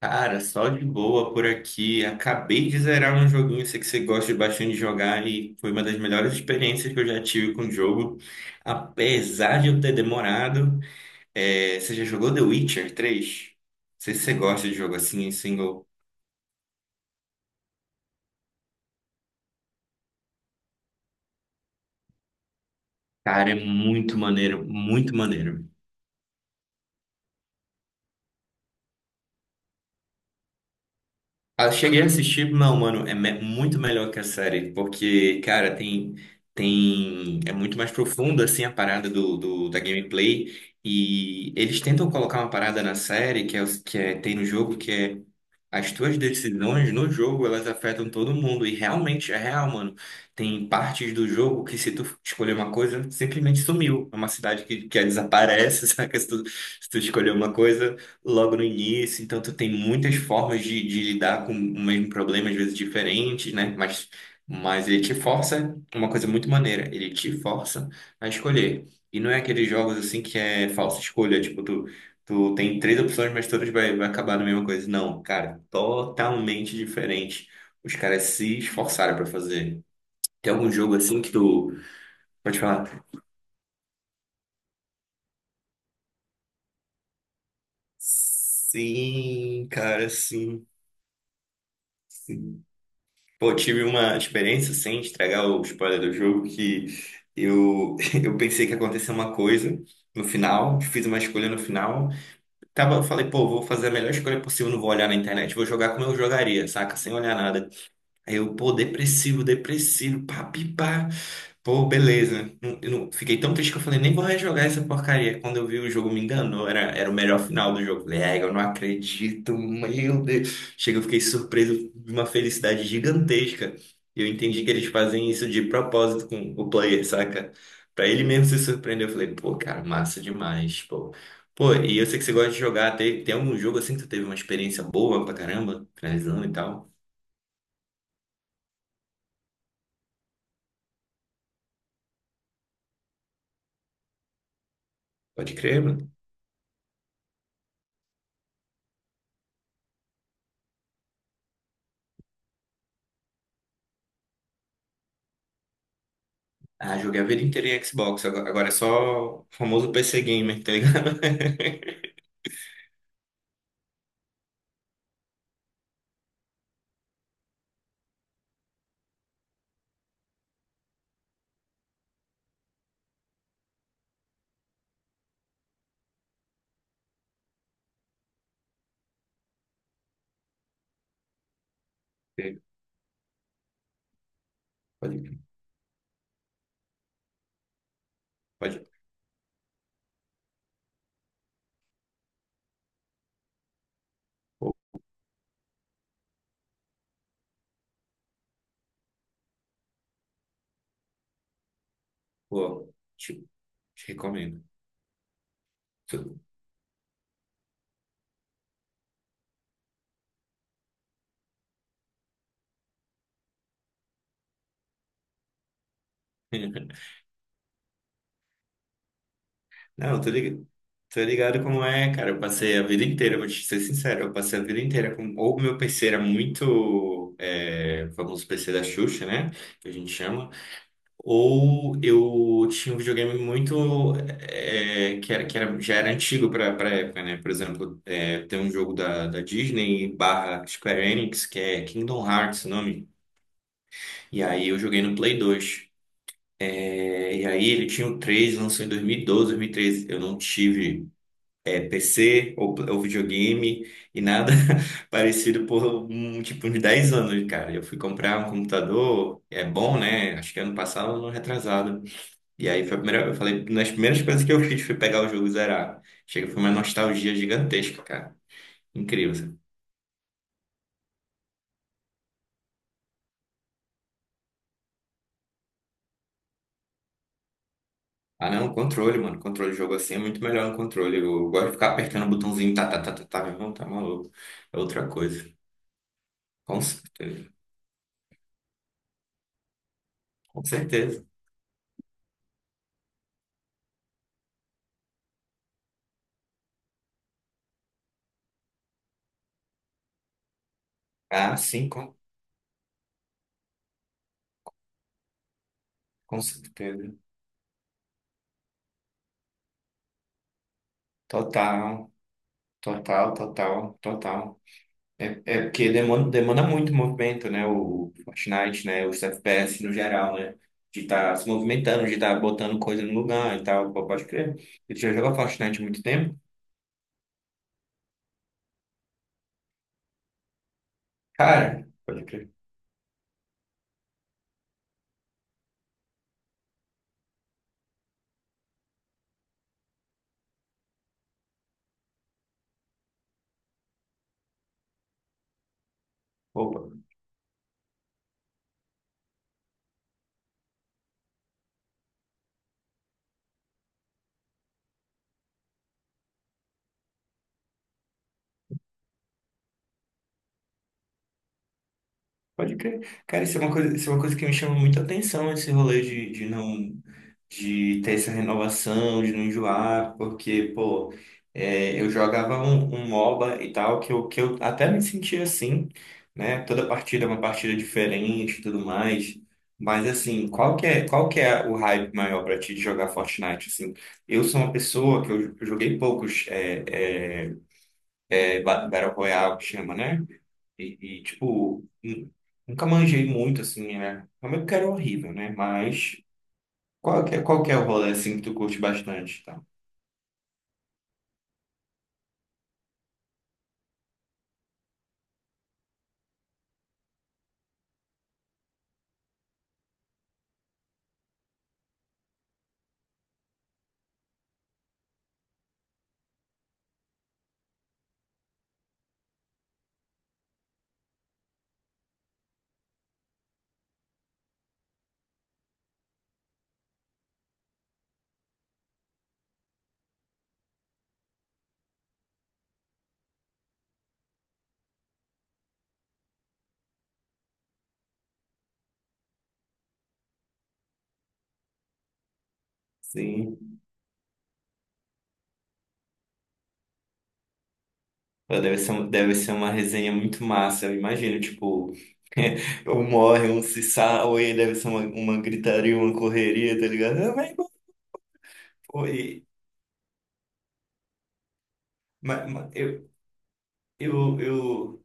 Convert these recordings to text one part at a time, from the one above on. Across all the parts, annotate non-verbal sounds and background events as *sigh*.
Cara, só de boa por aqui. Acabei de zerar um joguinho, sei que você gosta bastante de jogar e foi uma das melhores experiências que eu já tive com o jogo. Apesar de eu ter demorado, você já jogou The Witcher 3? Não sei se você gosta de jogo assim, em single. Cara, é muito maneiro, muito maneiro. Ah, eu cheguei a assistir, não, mano, muito melhor que a série, porque, cara, tem, é muito mais profundo assim, a parada da gameplay, e eles tentam colocar uma parada na série, que é, os- que é- tem no jogo, as tuas decisões no jogo, elas afetam todo mundo. E realmente é real, mano. Tem partes do jogo que se tu escolher uma coisa, simplesmente sumiu. É uma cidade que desaparece, *laughs* saca? Se tu escolher uma coisa logo no início. Então tu tem muitas formas de lidar com o mesmo problema, às vezes diferentes, né? Mas ele te força, uma coisa muito maneira, ele te força a escolher. E não é aqueles jogos assim que é falsa escolha, tipo, tu tem três opções, mas todas vai acabar na mesma coisa. Não, cara, totalmente diferente. Os caras se esforçaram pra fazer. Tem algum jogo assim que tu pode falar? Sim, cara, sim. Pô, tive uma experiência sem estragar o spoiler do jogo que eu, *laughs* eu pensei que aconteceu uma coisa no final, fiz uma escolha no final. Tava, eu falei, pô, vou fazer a melhor escolha possível, não vou olhar na internet, vou jogar como eu jogaria, saca? Sem olhar nada. Eu, pô, depressivo, depressivo, pá, pi, pá. Pô, beleza. Eu não, fiquei tão triste que eu falei, nem vou rejogar essa porcaria. Quando eu vi o jogo, me enganou. Era o melhor final do jogo. Falei, ai, eu não acredito, meu Deus. Chega, eu fiquei surpreso de uma felicidade gigantesca. E eu entendi que eles fazem isso de propósito com o player, saca? Pra ele mesmo se surpreender. Eu falei, pô, cara, massa demais, pô. Pô, e eu sei que você gosta de jogar. Tem algum jogo assim que tu teve uma experiência boa pra caramba? Finalizando e tal? Pode crer, mano. Ah, joguei a vida inteira em Xbox. Agora é só o famoso PC Gamer, tá ligado? *laughs* Pode, pode. Pô, pô, te, te recomendo. Tu- *laughs* Não, tô ligado como é, cara. Eu passei a vida inteira, vou te ser sincero, eu passei a vida inteira com. Ou meu PC era muito. É, o famoso PC da Xuxa, né? Que a gente chama. Ou eu tinha um videogame muito que era, já era antigo para a época, né? Por exemplo, é, tem um jogo da Disney barra Square Enix que é Kingdom Hearts, o nome. E aí eu joguei no Play 2. É, e aí ele tinha o 3, lançou em 2012, 2013. Eu não tive PC ou videogame e nada *laughs* parecido por um tipo uns 10 anos, cara. Eu fui comprar um computador, é bom, né? Acho que ano passado ou ano retrasado. E aí foi a primeira, eu falei, nas primeiras coisas que eu fiz foi pegar o jogo e zerar. Chega, foi uma nostalgia gigantesca, cara. Incrível. Assim. Ah, não, controle, mano. Controle de jogo assim é muito melhor no controle. Eu gosto de ficar apertando o botãozinho, tá, meu irmão, tá maluco. É outra coisa. Com certeza. Com certeza. Ah, com certeza. Total, total. É, é porque demanda muito movimento, né? O Fortnite, né? Os FPS no geral, né? De estar se movimentando, de estar botando coisa no lugar e tal. Pô, pode crer. Ele já jogou Fortnite há muito tempo? Cara, pode crer. Opa. Pode crer. Cara, isso é uma coisa que me chama muita atenção, esse rolê de não, de ter essa renovação, de não enjoar, porque, pô, é, eu jogava um MOBA e tal, que eu até me sentia assim, né? Toda partida é uma partida diferente e tudo mais. Mas, assim, qual que é o hype maior pra ti de jogar Fortnite, assim? Eu sou uma pessoa que eu joguei poucos é, Battle Royale, que chama, né? Tipo, nunca manjei muito, assim, né? Realmente que era horrível, né? Mas qual que é o rolê, assim, que tu curte bastante, tá? Sim. Pô, deve ser uma resenha muito massa, eu imagino, tipo... *laughs* Um morre, um se salva, e deve ser uma gritaria, uma correria, tá ligado? Ah, mas, pô, e- mas ma- eu,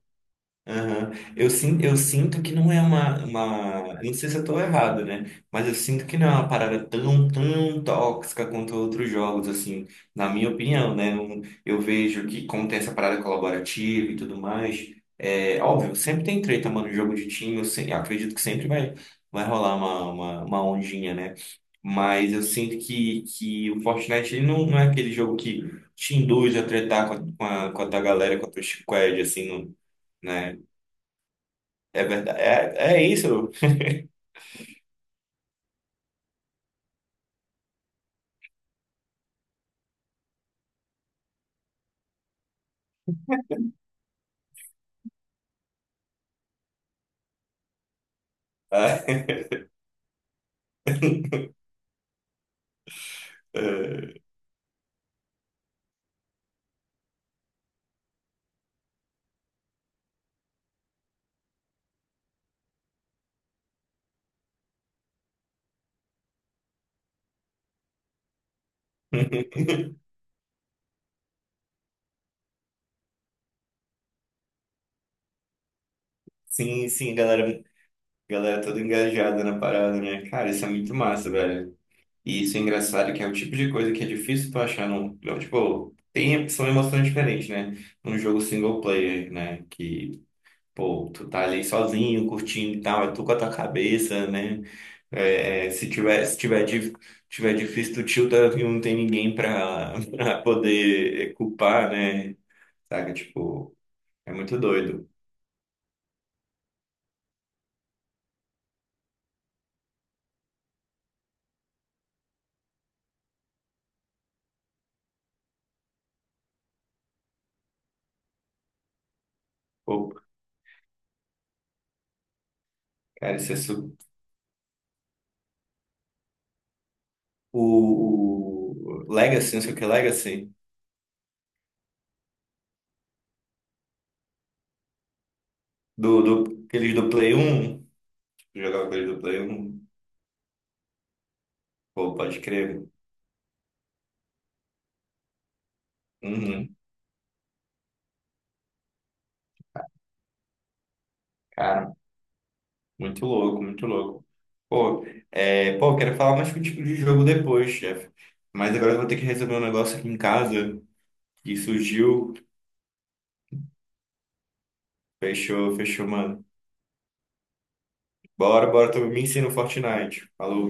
Aham. Eu sinto que não é uma. Não sei se eu tô errado, né? Mas eu sinto que não é uma parada tão tóxica quanto outros jogos, assim, na minha opinião, né? Eu, vejo que, como tem essa parada colaborativa e tudo mais, é óbvio, sempre tem treta, mano, jogo de time, eu, se- eu acredito que sempre vai rolar uma ondinha, né? Mas eu sinto que o Fortnite ele não é aquele jogo que te induz a tretar com a tua galera, com a tua squad, assim, não né? É verdade. É, é isso. É. *laughs* É. *laughs* Sim, sim, galera, galera toda engajada na parada, né? Cara, isso é muito massa, velho. E isso é engraçado, que é o tipo de coisa que é difícil tu achar num. Não, Tipo, tem, são emoções diferentes, né? Num jogo single player, né? Que, pô, tu tá ali sozinho, curtindo e tal, é tu com a tua cabeça, né? Se tiver, tiver difícil, tu tilta e não tem ninguém pra, *laughs* pra poder culpar, né? Saca, tipo. É muito doido. Pô, cara, isso é su... o Legacy, não sei o que é Legacy, aqueles do Play 1, jogava aqueles do Play 1, pô, pode crer. Uhum. Cara, muito louco, muito louco. Pô, pô, quero falar mais contigo de jogo depois, chefe. Mas agora eu vou ter que resolver um negócio aqui em casa que surgiu. Fechou, fechou, mano. Bora, bora, tu me ensina o Fortnite. Falou.